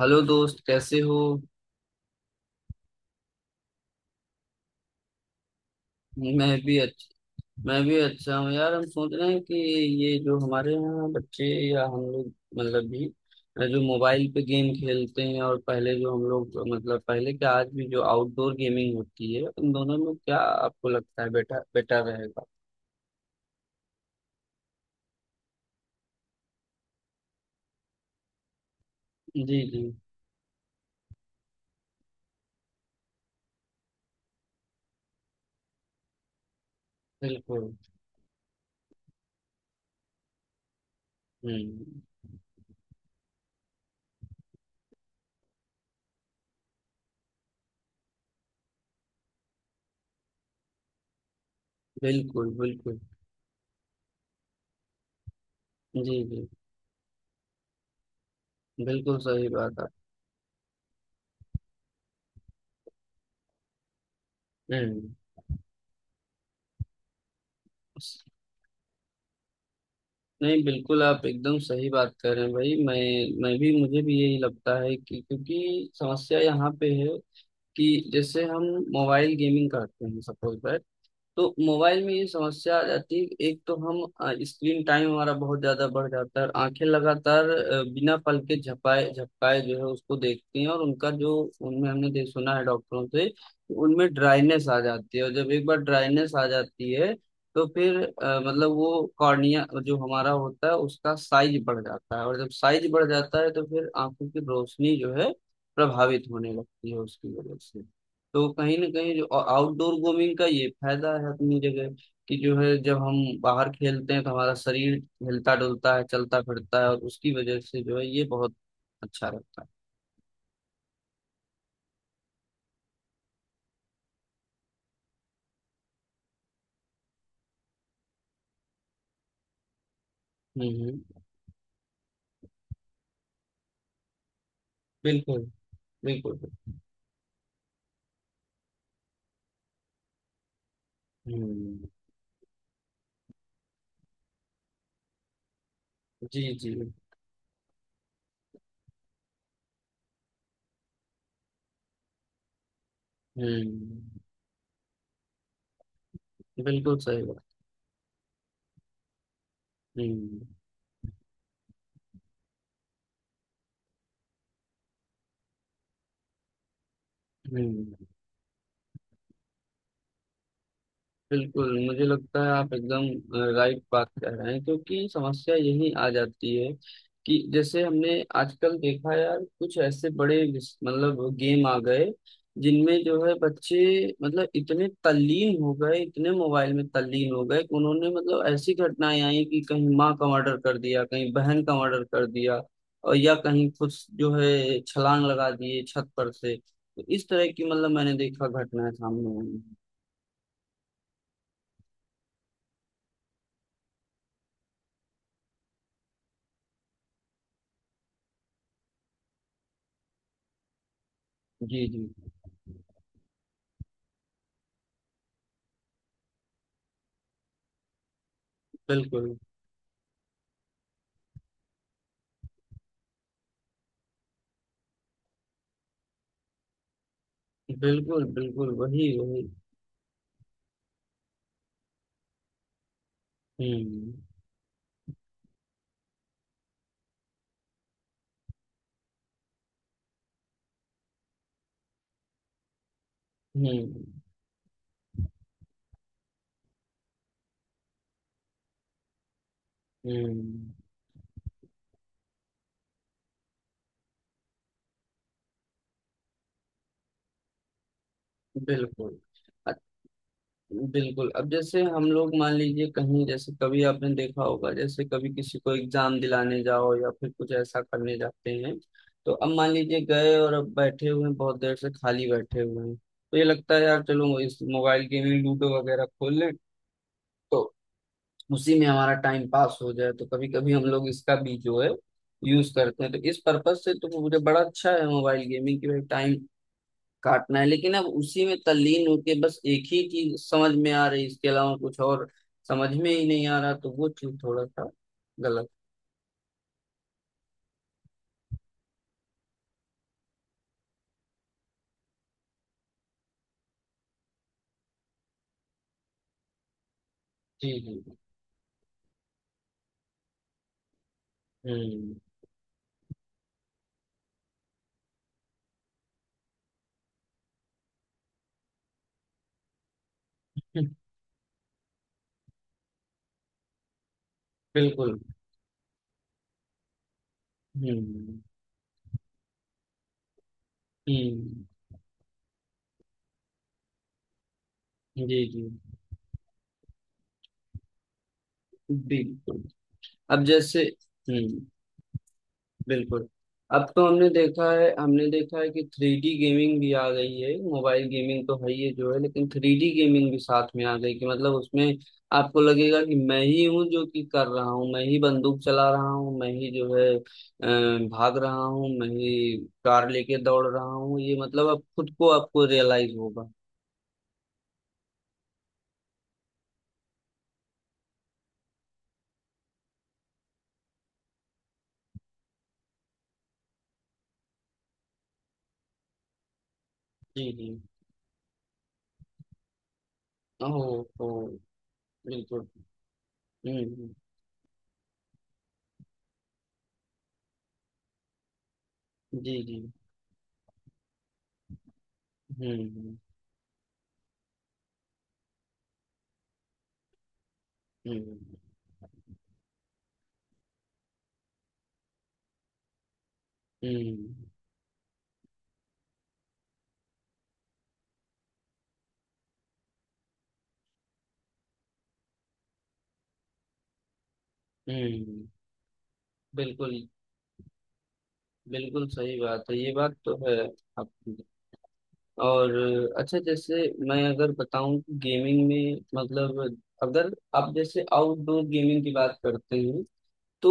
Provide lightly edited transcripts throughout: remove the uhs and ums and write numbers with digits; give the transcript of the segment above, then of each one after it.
Hello दोस्त, कैसे हो। मैं भी अच्छा। मैं भी अच्छा हूँ यार। हम सोच रहे हैं कि ये जो हमारे यहाँ बच्चे या हम लोग, मतलब भी जो मोबाइल पे गेम खेलते हैं, और पहले जो हम लोग, मतलब पहले क्या आज भी, जो आउटडोर गेमिंग होती है, उन दोनों में क्या आपको लगता है बेटा बेटा रहेगा? जी जी। बिल्कुल। हम्म। बिल्कुल बिल्कुल। जी जी। बिल्कुल सही बात है। हम्म। नहीं, बिल्कुल आप एकदम सही बात कर रहे हैं भाई। मैं भी, मुझे भी यही लगता है कि, क्योंकि समस्या यहाँ पे है कि जैसे हम मोबाइल गेमिंग करते हैं सपोज, तो मोबाइल में ये समस्या आ जाती है, एक तो हम स्क्रीन टाइम हमारा बहुत ज्यादा बढ़ जाता है और आंखें लगातार बिना पल के झपाए झपकाए जो है उसको देखती हैं, और उनका जो उनमें हमने देख सुना है डॉक्टरों से कि उनमें ड्राइनेस आ जाती है, और जब एक बार ड्राइनेस आ जाती है तो फिर मतलब वो कॉर्निया जो हमारा होता है उसका साइज बढ़ जाता है, और जब साइज बढ़ जाता है तो फिर आंखों की रोशनी जो है प्रभावित होने लगती है उसकी वजह से। तो कहीं ना कहीं जो आउटडोर गेमिंग का ये फायदा है अपनी जगह कि जो है, जब हम बाहर खेलते हैं तो हमारा शरीर हिलता डुलता है, चलता फिरता है, और उसकी वजह से जो है ये बहुत अच्छा रहता है। हम्म हम्म, बिल्कुल बिल्कुल। हम्म। जी जी। हम्म। बिल्कुल सही बात। हम्म हम्म। बिल्कुल, मुझे लगता है आप एकदम राइट बात कह रहे हैं, क्योंकि समस्या यही आ जाती है कि जैसे हमने आजकल देखा यार, कुछ ऐसे बड़े मतलब गेम आ गए जिनमें जो है बच्चे, मतलब इतने तल्लीन हो गए, इतने मोबाइल में तल्लीन हो गए कि उन्होंने, मतलब ऐसी घटनाएं आई कि कहीं माँ का मर्डर कर दिया, कहीं बहन का मर्डर कर दिया, और या कहीं कुछ जो है छलांग लगा दिए छत पर से। तो इस तरह की, मतलब मैंने देखा, घटनाएं सामने आई हैं। जी जी। बिल्कुल बिल्कुल। बिल्कुल वही वही। हम्म हम्म हम्म। बिल्कुल। अ- बिल्कुल, अब जैसे हम लोग मान लीजिए कहीं, जैसे कभी आपने देखा होगा, जैसे कभी किसी को एग्जाम दिलाने जाओ या फिर कुछ ऐसा करने जाते हैं, तो अब मान लीजिए गए और अब बैठे हुए हैं, बहुत देर से खाली बैठे हुए हैं, तो ये लगता है यार चलो इस मोबाइल गेम में लूडो वगैरह खोल लें, तो उसी में हमारा टाइम पास हो जाए। तो कभी कभी हम लोग इसका भी जो है यूज करते हैं, तो इस पर्पज से तो मुझे बड़ा अच्छा है मोबाइल गेमिंग की, भाई टाइम काटना है। लेकिन अब उसी में तल्लीन होके बस एक ही चीज समझ में आ रही, इसके अलावा कुछ और समझ में ही नहीं आ रहा, तो वो चीज थोड़ा सा गलत। जी जी। हम्म हम्म, बिल्कुल। हम्म हम्म। जी जी। बिल्कुल अब जैसे। हम्म। बिल्कुल, अब तो हमने देखा है, हमने देखा है कि थ्री डी गेमिंग भी आ गई है। मोबाइल गेमिंग तो है ही है जो है, लेकिन थ्री डी गेमिंग भी साथ में आ गई, कि मतलब उसमें आपको लगेगा कि मैं ही हूँ जो कि कर रहा हूँ, मैं ही बंदूक चला रहा हूँ, मैं ही जो है भाग रहा हूँ, मैं ही कार लेके दौड़ रहा हूँ, ये मतलब अब खुद को आपको रियलाइज होगा। जी जी। ओ। ओ। बिल्कुल। हम्म हम्म, जी जी। हम्म हम्म हम्म हम्म हम्म। बिल्कुल। बिल्कुल सही बात है, ये बात तो है आपकी। और अच्छा, जैसे मैं अगर बताऊं कि गेमिंग में, मतलब अगर आप जैसे आउटडोर गेमिंग की बात करते हैं, तो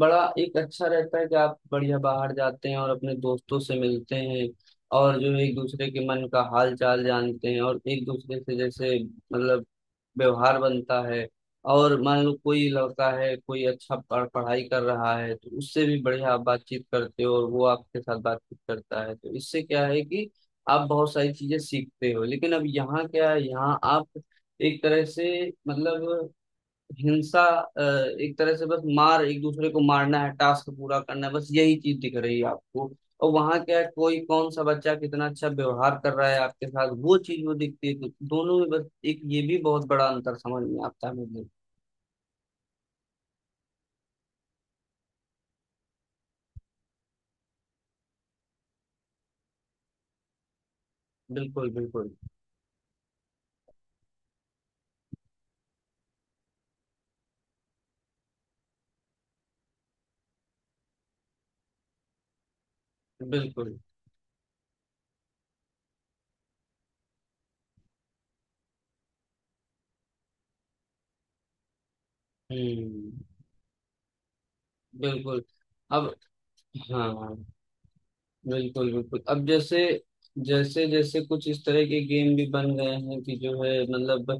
बड़ा एक अच्छा रहता है कि आप बढ़िया बाहर जाते हैं और अपने दोस्तों से मिलते हैं, और जो एक दूसरे के मन का हाल चाल जानते हैं, और एक दूसरे से जैसे मतलब व्यवहार बनता है। और मान लो कोई लड़का है, कोई अच्छा पढ़ाई कर रहा है, तो उससे भी बढ़िया आप बातचीत करते हो और वो आपके साथ बातचीत करता है, तो इससे क्या है कि आप बहुत सारी चीजें सीखते हो। लेकिन अब यहाँ क्या है, यहाँ आप एक तरह से मतलब हिंसा, अ, एक तरह से बस मार, एक दूसरे को मारना है, टास्क पूरा करना है, बस यही चीज दिख रही है आपको, और वहां क्या है कोई कौन सा बच्चा कितना अच्छा व्यवहार कर रहा है आपके साथ, वो चीज वो दिखती है। तो दोनों में बस एक ये भी बहुत बड़ा अंतर समझ में आता है मुझे। बिल्कुल बिल्कुल बिल्कुल। हम्म। बिल्कुल अब। हाँ। बिल्कुल बिल्कुल। अब जैसे जैसे जैसे कुछ इस तरह के गेम भी बन गए हैं कि जो है मतलब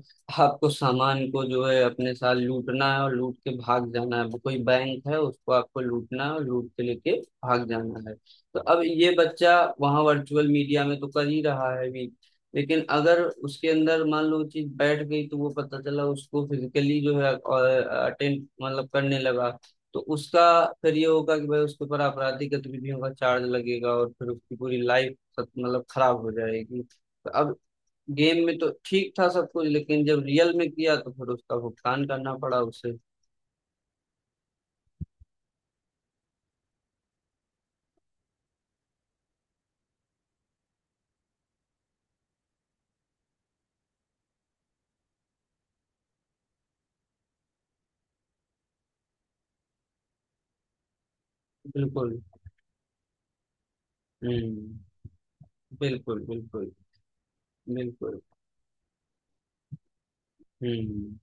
आपको सामान को जो है अपने साथ लूटना है और लूट के भाग जाना है। कोई बैंक है उसको आपको लूटना है और लूट के लेके भाग जाना है। तो अब ये बच्चा वहां वर्चुअल मीडिया में तो कर ही रहा है अभी, लेकिन अगर उसके अंदर मान लो चीज बैठ गई, तो वो पता चला उसको फिजिकली जो है अटेंड मतलब करने लगा। तो उसका फिर ये होगा कि भाई उसके ऊपर आपराधिक गतिविधियों का चार्ज लगेगा, और फिर उसकी पूरी लाइफ मतलब खराब हो जाएगी। तो अब गेम में तो ठीक था सब कुछ, लेकिन जब रियल में किया तो फिर उसका भुगतान करना पड़ा उसे। बिल्कुल। हम्म। बिल्कुल बिल्कुल बिल्कुल। हम्म।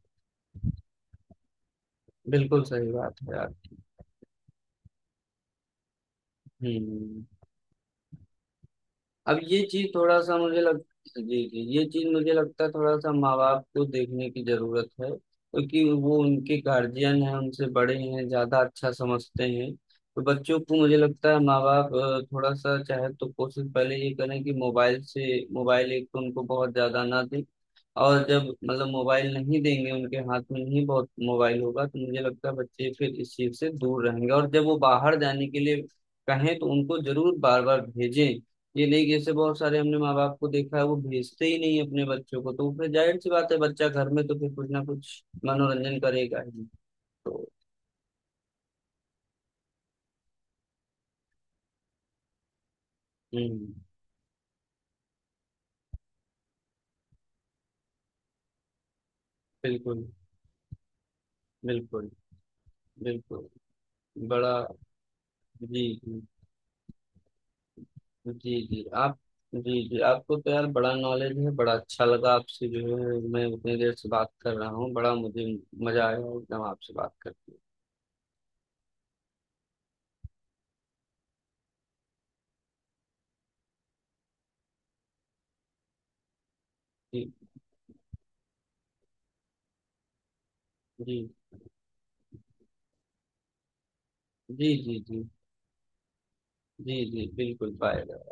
बिल्कुल सही बात है यार। हम्म। अब ये चीज थोड़ा सा मुझे लग, जी जी, ये चीज मुझे लगता है थोड़ा सा माँ बाप को देखने की जरूरत है, क्योंकि वो उनके गार्जियन हैं, उनसे बड़े हैं, ज्यादा अच्छा समझते हैं। तो बच्चों को मुझे लगता है माँ बाप थोड़ा सा चाहे तो कोशिश पहले ये करें कि मोबाइल से, मोबाइल एक तो उनको बहुत ज्यादा ना दें। और जब मतलब मोबाइल नहीं देंगे उनके हाथ में, नहीं बहुत मोबाइल होगा, तो मुझे लगता है बच्चे फिर इस चीज से दूर रहेंगे। और जब वो बाहर जाने के लिए कहें तो उनको जरूर बार बार भेजें। ये नहीं कि जैसे बहुत सारे हमने माँ बाप को देखा है वो भेजते ही नहीं अपने बच्चों को, तो फिर जाहिर सी बात है बच्चा घर में तो फिर कुछ ना कुछ मनोरंजन करेगा ही। तो हम्म, बिल्कुल बिल्कुल बिल्कुल। बड़ा। जी जी जी। आप जी जी, आपको तो यार बड़ा नॉलेज है, बड़ा अच्छा लगा आपसे। जो है मैं उतनी देर से बात कर रहा हूँ, बड़ा मुझे मजा आया एकदम आपसे बात करके। जी जी। जी जी। जी जी जी बिल्कुल पाएगा।